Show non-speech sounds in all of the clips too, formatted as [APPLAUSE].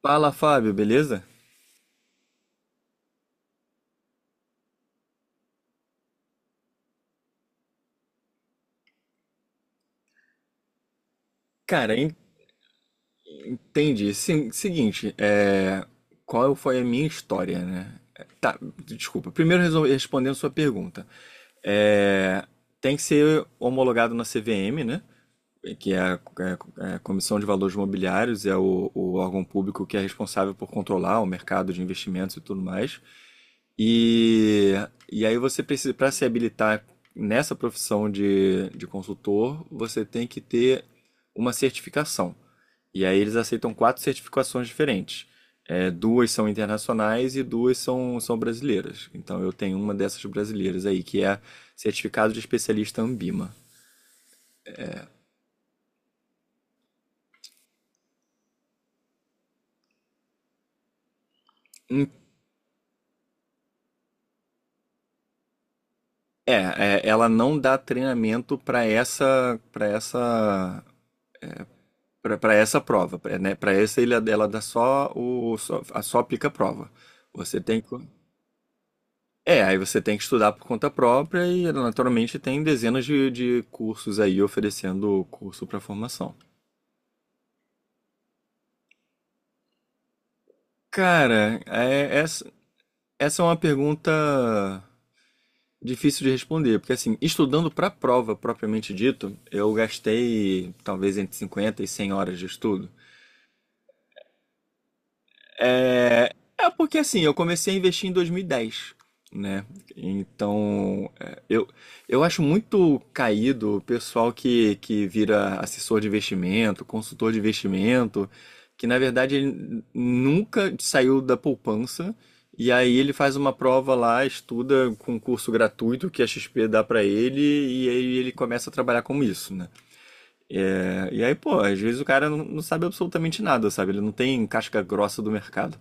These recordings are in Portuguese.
Fala, Fábio, beleza? Cara, entendi. Sim, seguinte, qual foi a minha história, né? Tá, desculpa. Primeiro respondendo sua pergunta. É... Tem que ser homologado na CVM, né? Que é a Comissão de Valores Mobiliários, é o órgão público que é responsável por controlar o mercado de investimentos e tudo mais. E, e aí você precisa, para se habilitar nessa profissão de consultor, você tem que ter uma certificação. E aí eles aceitam quatro certificações diferentes. Duas são internacionais e duas são brasileiras. Então eu tenho uma dessas brasileiras aí, que é certificado de especialista Ambima. Em É, ela não dá treinamento para essa prova, pra, né? Para essa ilha dela dá só aplica a prova. Você tem que, você tem que estudar por conta própria e naturalmente tem dezenas de cursos aí oferecendo curso para formação. Cara, é, essa, essa é uma pergunta difícil de responder, porque assim, estudando para a prova propriamente dito, eu gastei talvez entre 50 e 100 horas de estudo. É, É porque assim, eu comecei a investir em 2010, né? Então, eu acho muito caído o pessoal que vira assessor de investimento, consultor de investimento, que na verdade ele nunca saiu da poupança e aí ele faz uma prova lá, estuda com um curso gratuito que a XP dá pra ele e aí ele começa a trabalhar com isso, né? E aí, pô, às vezes o cara não sabe absolutamente nada, sabe? Ele não tem casca grossa do mercado.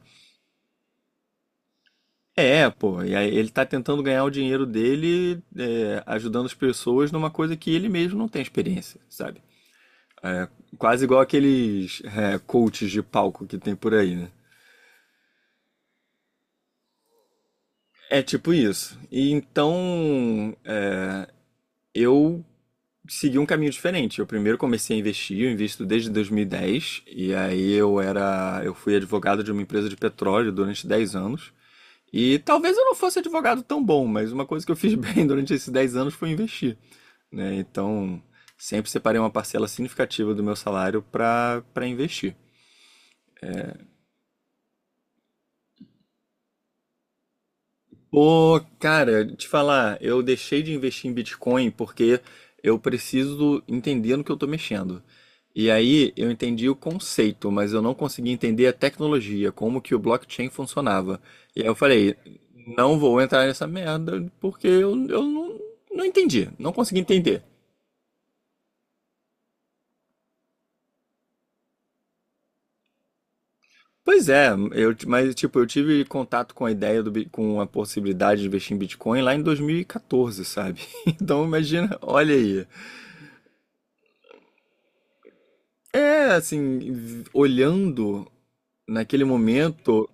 Pô, e aí ele tá tentando ganhar o dinheiro dele, ajudando as pessoas numa coisa que ele mesmo não tem experiência, sabe? Quase igual aqueles coaches de palco que tem por aí, né? É tipo isso. E então eu segui um caminho diferente. Eu primeiro comecei a investir, eu invisto desde 2010, e aí eu fui advogado de uma empresa de petróleo durante 10 anos. E talvez eu não fosse advogado tão bom, mas uma coisa que eu fiz [LAUGHS] bem durante esses 10 anos foi investir. Né? Então, sempre separei uma parcela significativa do meu salário para investir. Pô, cara, te falar, eu deixei de investir em Bitcoin porque eu preciso entender no que eu tô mexendo. E aí eu entendi o conceito, mas eu não consegui entender a tecnologia, como que o blockchain funcionava. E aí eu falei, não vou entrar nessa merda porque eu não, não entendi, não consegui entender. Pois é, mas tipo, eu tive contato com a ideia com a possibilidade de investir em Bitcoin lá em 2014, sabe? [LAUGHS] Então imagina, olha aí. Olhando naquele momento,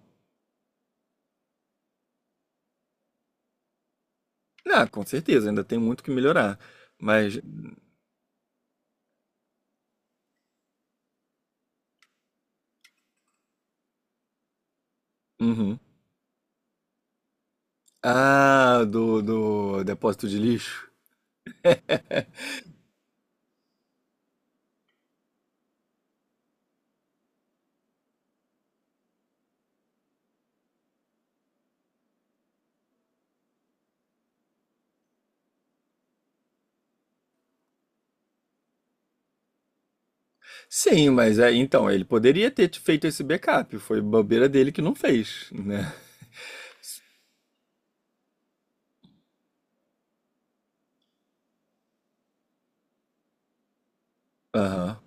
ah, com certeza, ainda tem muito que melhorar. Mas, uhum. Ah, do depósito de lixo. Sim, mas é, então, ele poderia ter feito esse backup, foi bobeira dele que não fez, né? Aham,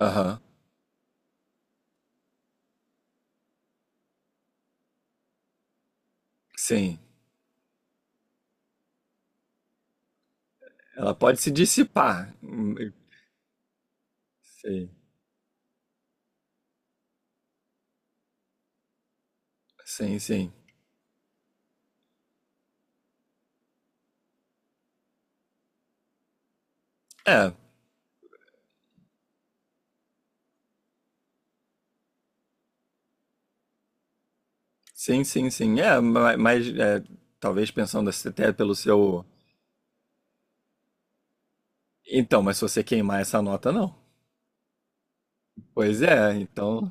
aham. Sim, ela pode se dissipar. Sim, sim, sim. É, sim, sim, sim. Mas talvez pensando assim, até pelo seu. Então, mas se você queimar essa nota, não. Pois é, então.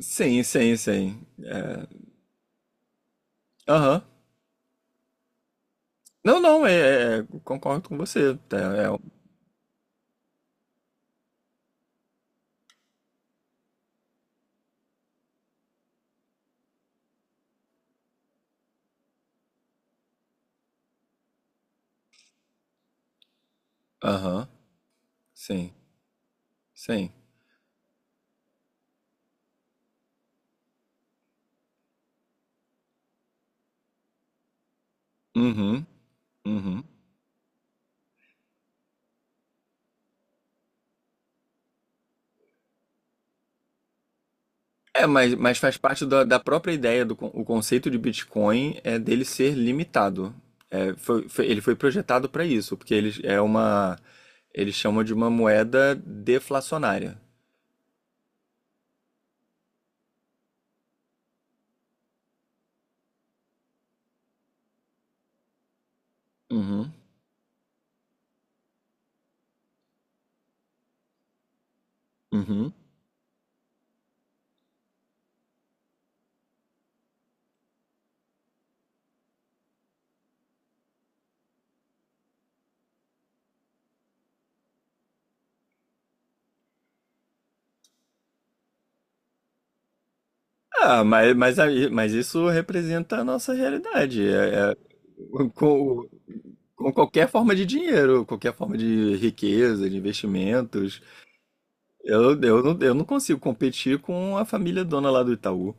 Sim, sim, sim. É, Aham. Não, não, concordo com você. Aham, sim, sim. Uhum, uhum. Mas faz parte da própria ideia o conceito de Bitcoin é dele ser limitado. Ele foi projetado para isso, porque ele é uma, eles chamam de uma moeda deflacionária. Uhum, uhum. Ah, mas isso representa a nossa realidade. Com, com qualquer forma de dinheiro, qualquer forma de riqueza, de investimentos. Eu não consigo competir com a família dona lá do Itaú.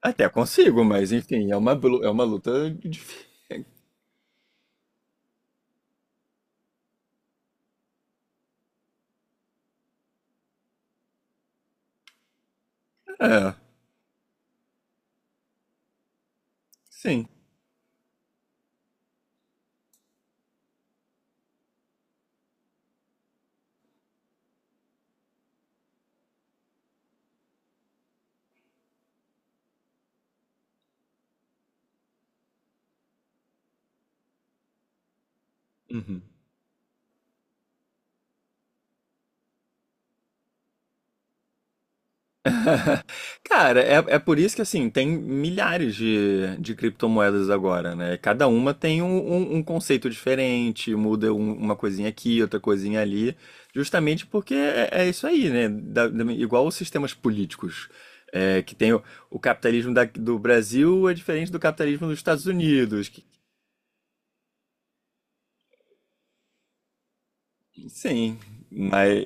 Até consigo, mas enfim, é é uma luta difícil. É, sim. Uhum. [LAUGHS] Cara, é por isso que assim, tem milhares de criptomoedas agora, né? Cada uma tem um conceito diferente, muda uma coisinha aqui, outra coisinha ali, justamente porque é isso aí, né? Igual os sistemas políticos, que tem o capitalismo do Brasil é diferente do capitalismo dos Estados Unidos. Sim, mas.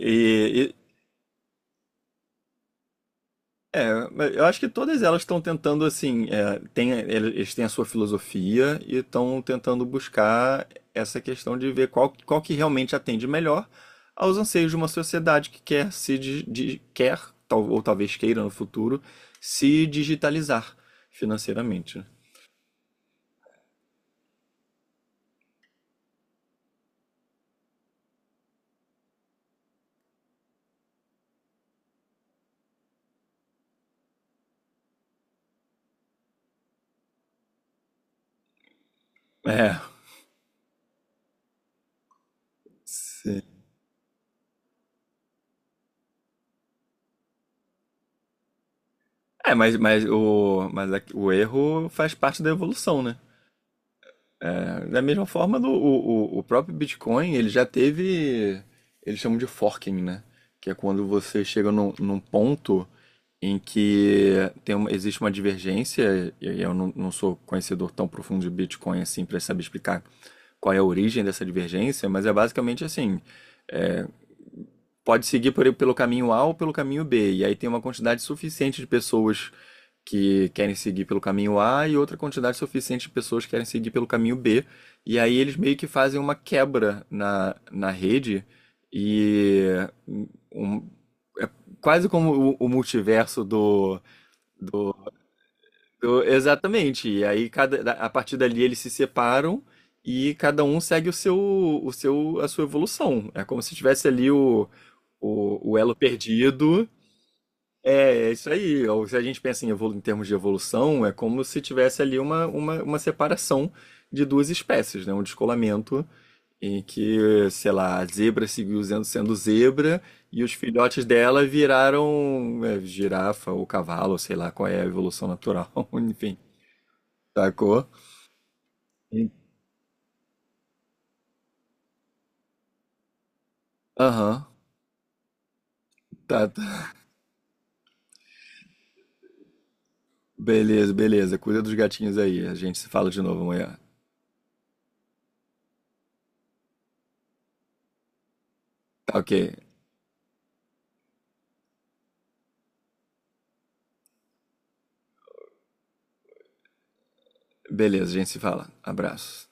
É, mas eu acho que todas elas estão tentando, assim, eles têm a sua filosofia e estão tentando buscar essa questão de ver qual que realmente atende melhor aos anseios de uma sociedade que quer se di- di- quer, ou talvez queira no futuro, se digitalizar financeiramente. Né? É, sim. Mas, mas o erro faz parte da evolução, né? É, da mesma forma, o próprio Bitcoin, ele já teve, eles chamam de forking, né? Que é quando você chega num ponto em que existe uma divergência, e aí eu não sou conhecedor tão profundo de Bitcoin assim para saber explicar qual é a origem dessa divergência, mas é basicamente assim, é, pode seguir pelo caminho A ou pelo caminho B, e aí tem uma quantidade suficiente de pessoas que querem seguir pelo caminho A e outra quantidade suficiente de pessoas que querem seguir pelo caminho B. E aí eles meio que fazem uma quebra na rede e um- um, é quase como o multiverso do, exatamente. E aí a partir dali eles se separam e cada um segue a sua evolução. É como se tivesse ali o elo perdido, é isso aí. Ou se a gente pensa em, evolu em termos de evolução, é como se tivesse ali uma separação de duas espécies, né? Um descolamento em que, sei lá, a zebra seguiu sendo zebra e os filhotes dela viraram girafa ou cavalo, sei lá qual é a evolução natural, [LAUGHS] enfim, sacou? Sim. Aham, tá, tá. Beleza, beleza. Cuida dos gatinhos aí. A gente se fala de novo amanhã. Tá ok. Beleza, a gente se fala. Abraço.